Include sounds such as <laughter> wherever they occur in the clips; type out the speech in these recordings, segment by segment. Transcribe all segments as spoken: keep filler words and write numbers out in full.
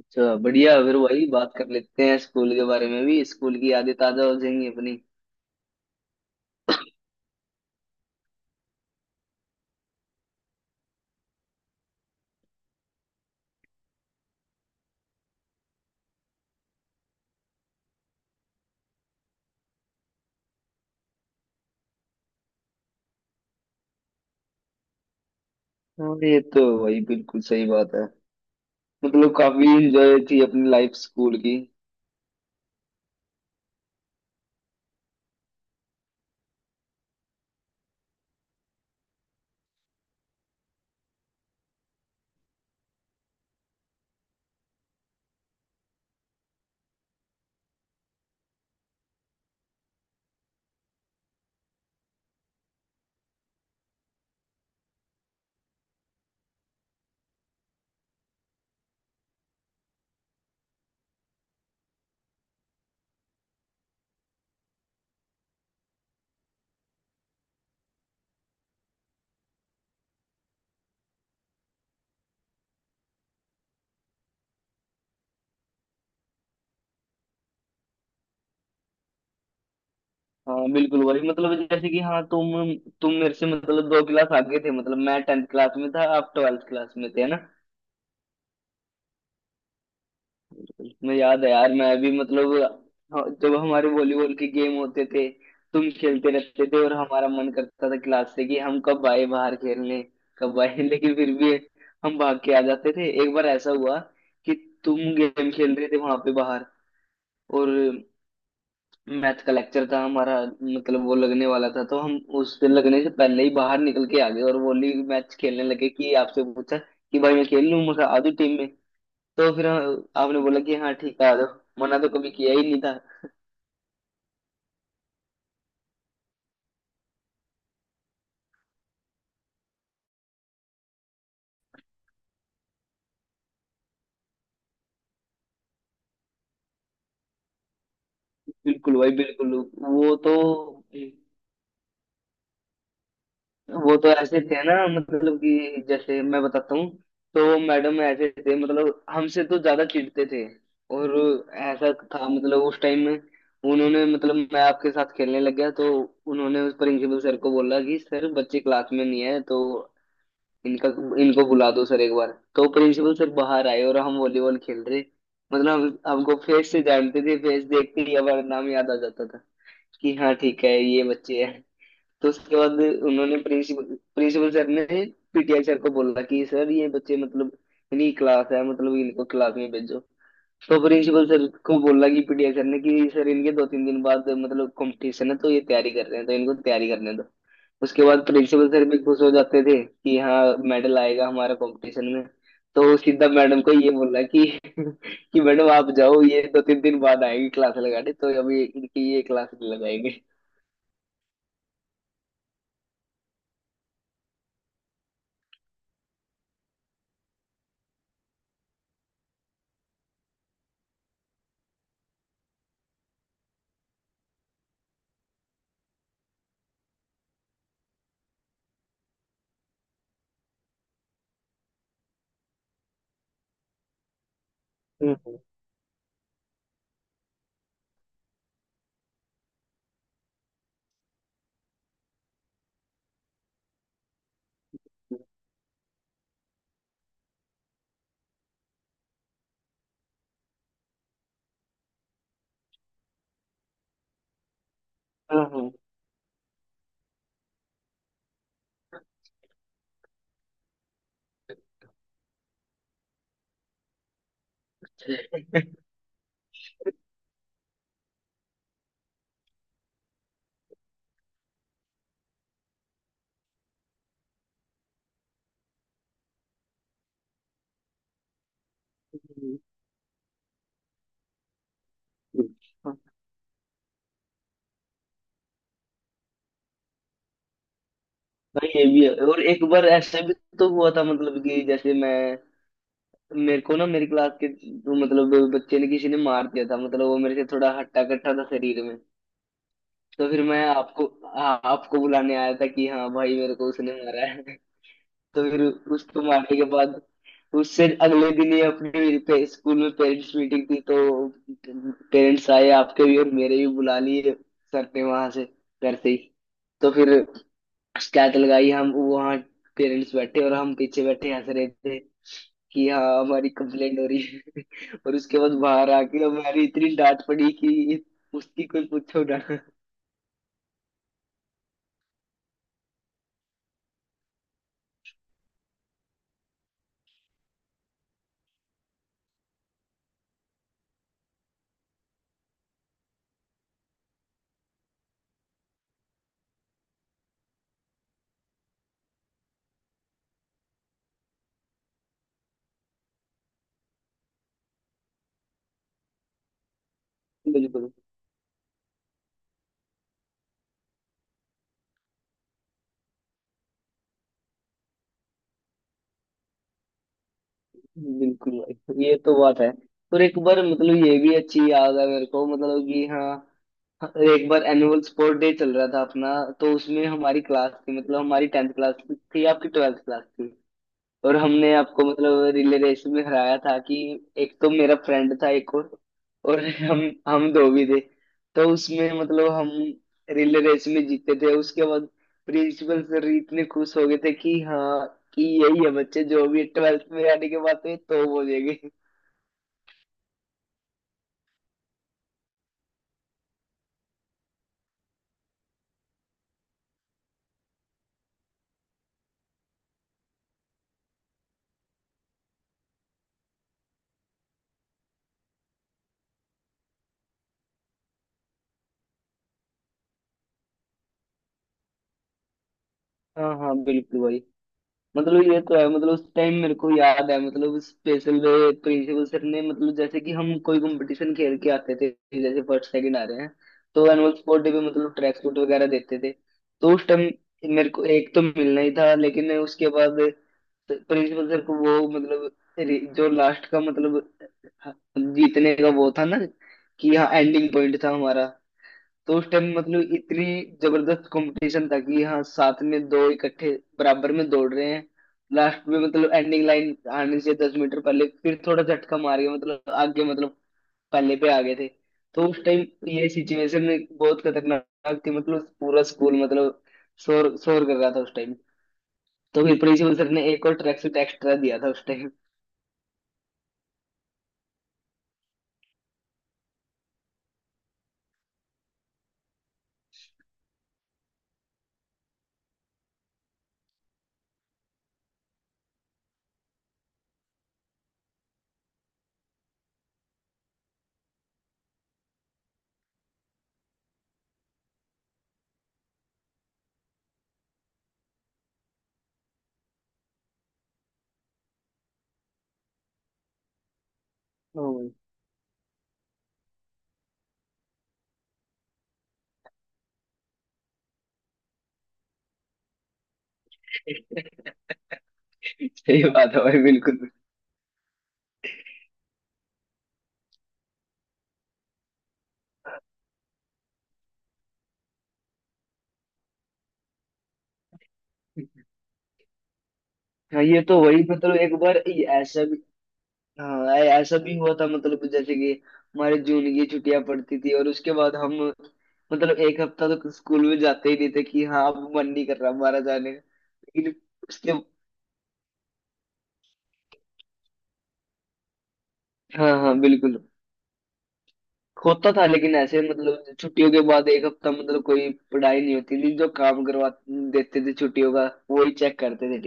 अच्छा, बढ़िया। फिर वही बात कर लेते हैं, स्कूल के बारे में भी। स्कूल की यादें ताजा हो जाएंगी अपनी। हाँ, ये तो वही, बिल्कुल सही बात है। मतलब काफी इंजॉय थी अपनी लाइफ स्कूल की। हाँ, बिल्कुल वही। मतलब जैसे कि हाँ, तुम तुम मेरे से मतलब दो क्लास आगे थे। मतलब मैं टेंथ क्लास में था, आप ट्वेल्थ क्लास में थे, है ना। मैं, याद है यार, मैं अभी मतलब हाँ, जब हमारे वॉलीबॉल के गेम होते थे, तुम खेलते रहते थे और हमारा मन करता था क्लास से कि हम कब आए बाहर खेलने, कब आए। <laughs> लेकिन फिर भी हम भाग के आ जाते थे। एक बार ऐसा हुआ कि तुम गेम खेल रहे थे वहां पे बाहर, और मैथ का लेक्चर था हमारा। मतलब वो लगने वाला था तो हम उसके लगने से पहले ही बाहर निकल के आ गए और वॉली मैच खेलने लगे। कि आपसे पूछा कि भाई मैं खेल लूँ, मुझे आधी टीम में। तो फिर हम- आपने बोला कि हाँ ठीक है आ जाओ, मना तो कभी किया ही नहीं था। बिल्कुल भाई, बिल्कुल। वो तो वो तो ऐसे थे ना। मतलब कि जैसे मैं बताता हूँ, तो मैडम ऐसे थे, मतलब हमसे तो ज्यादा चिढ़ते थे। और ऐसा था मतलब उस टाइम में। उन्होंने, मतलब मैं आपके साथ खेलने लग गया तो उन्होंने उस प्रिंसिपल सर को बोला कि सर बच्चे क्लास में नहीं है, तो इनका, इनको बुला दो सर एक बार। तो प्रिंसिपल सर बाहर आए और हम वॉलीबॉल खेल रहे। मतलब हम, हमको फेस से जानते थे, फेस देखते ही हमारा नाम याद आ जाता था कि हाँ ठीक है, ये बच्चे हैं। तो उसके बाद उन्होंने प्रिंसिपल प्रिंसिपल सर ने पीटीआई सर को बोला कि सर ये बच्चे, मतलब इनकी क्लास है, मतलब इनको क्लास में भेजो। तो प्रिंसिपल सर को बोला कि पीटीआई सर ने, कि सर इनके दो तीन दिन बाद मतलब कंपटीशन है, तो ये तैयारी कर रहे हैं, तो इनको तैयारी करने दो। उसके बाद प्रिंसिपल सर भी खुश हो जाते थे कि हाँ, मेडल आएगा हमारा कंपटीशन में। तो सीधा मैडम को ये बोला कि <laughs> कि मैडम आप जाओ, ये दो तीन दिन बाद आएगी क्लास लगाने, तो अभी इनकी ये क्लास लगाएंगे। हम्म, हम्म, हम्म, हम्म। हाँ, ये भी है। और एक बार ऐसा भी तो हुआ था। मतलब कि जैसे मैं, मेरे को ना मेरी क्लास के, तो मतलब बच्चे ने, किसी ने मार दिया था, मतलब वो मेरे से थोड़ा हट्टा कट्टा था शरीर में। तो फिर मैं आपको, हाँ आपको बुलाने आया था कि हाँ भाई, मेरे को उसने मारा है। <laughs> तो फिर उसको मारने के बाद, उससे अगले दिन ही अपने पे, स्कूल में पेरेंट्स मीटिंग थी। तो पेरेंट्स आए, आपके भी और मेरे भी बुला लिए सर ने, वहां से, घर से ही। तो फिर शिकायत लगाई हम वहाँ, पेरेंट्स बैठे और हम पीछे बैठे हंस रहे थे कि हाँ, हमारी कंप्लेंट हो रही है। <laughs> और उसके बाद बाहर आके हमारी इतनी डांट पड़ी कि उसकी कोई पूछो ना। बिल्कुल, बिल्कुल भाई ये तो बात है। और एक बार, मतलब ये भी अच्छी याद है मेरे को, मतलब कि हाँ, एक बार एनुअल स्पोर्ट डे चल रहा था अपना, तो उसमें हमारी क्लास थी मतलब, हमारी टेंथ क्लास थी, आपकी ट्वेल्थ क्लास थी। और हमने आपको मतलब रिले रेस में हराया था। कि एक तो मेरा फ्रेंड था एक और और हम हम दो भी थे, तो उसमें मतलब हम रिले रेस में जीते थे। उसके बाद प्रिंसिपल सर इतने खुश हो गए थे कि हाँ, कि यही है बच्चे जो भी ट्वेल्थ में आने के बाद, तो ये तो बोलेंगे। हाँ हाँ, बिल्कुल भाई। मतलब ये तो है, मतलब उस टाइम मेरे को याद है मतलब, स्पेशल वे प्रिंसिपल सर ने मतलब जैसे कि हम कोई कंपटीशन खेल के आते थे, जैसे फर्स्ट सेकंड आ रहे हैं, तो एनुअल स्पोर्ट डे पे मतलब ट्रैक सूट वगैरह देते थे। तो उस टाइम मेरे को एक तो मिलना ही था, लेकिन उसके बाद प्रिंसिपल सर को वो मतलब रि- जो लास्ट का मतलब, हाँ, जीतने का वो था ना, कि हाँ एंडिंग पॉइंट था हमारा। तो उस टाइम मतलब इतनी जबरदस्त कंपटीशन था कि हाँ, साथ में दो इकट्ठे, बराबर में दौड़ रहे हैं। लास्ट में मतलब एंडिंग लाइन आने से दस मीटर पहले, फिर थोड़ा झटका मार के मतलब आगे मतलब, पहले पे आ गए थे। तो उस टाइम ये सिचुएशन बहुत खतरनाक थी, मतलब पूरा स्कूल मतलब शोर शोर कर रहा था उस टाइम। तो फिर प्रिंसिपल सर ने एक और ट्रैक सूट एक्स्ट्रा दिया था उस टाइम। ओ। <laughs> भाई सही बात है भाई, बिल्कुल। हाँ ये तो वही, मतलब एक बार ये ऐसा भी, हाँ ऐ- ऐसा भी हुआ था। मतलब जैसे कि हमारे जून की छुट्टियां पड़ती थी, और उसके बाद हम मतलब एक हफ्ता तो स्कूल में जाते ही नहीं थे कि हाँ, अब मन नहीं कर रहा हमारा जाने का। लेकिन उसके, हाँ हाँ बिल्कुल, होता था। लेकिन ऐसे मतलब छुट्टियों के बाद एक हफ्ता मतलब कोई पढ़ाई नहीं होती थी, जो काम करवा देते थे छुट्टियों का, वही चेक करते थे।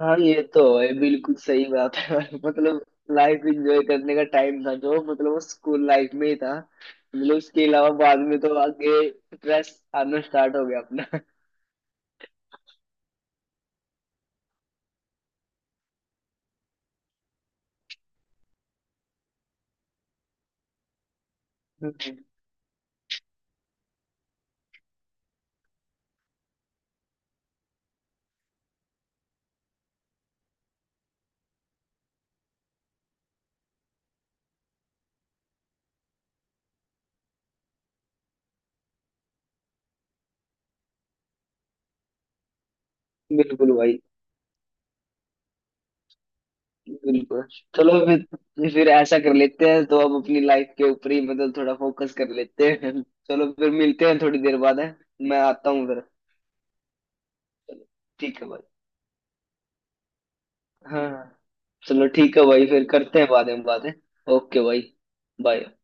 हाँ, ये तो है, बिल्कुल सही बात है। <laughs> मतलब लाइफ एंजॉय करने का टाइम था जो, मतलब वो स्कूल लाइफ में ही था। मतलब उसके अलावा बाद में तो आगे स्ट्रेस आना स्टार्ट हो गया अपना। <laughs> बिल्कुल भाई, बिल्कुल। चलो फिर फिर ऐसा कर लेते हैं तो अब अपनी लाइफ के ऊपर ही मतलब थोड़ा फोकस कर लेते हैं। <laughs> चलो फिर मिलते हैं थोड़ी देर बाद है। मैं आता हूँ फिर। चलो, ठीक है भाई। हाँ हाँ। चलो ठीक है भाई, फिर करते हैं बाद में बातें। ओके भाई, बाय।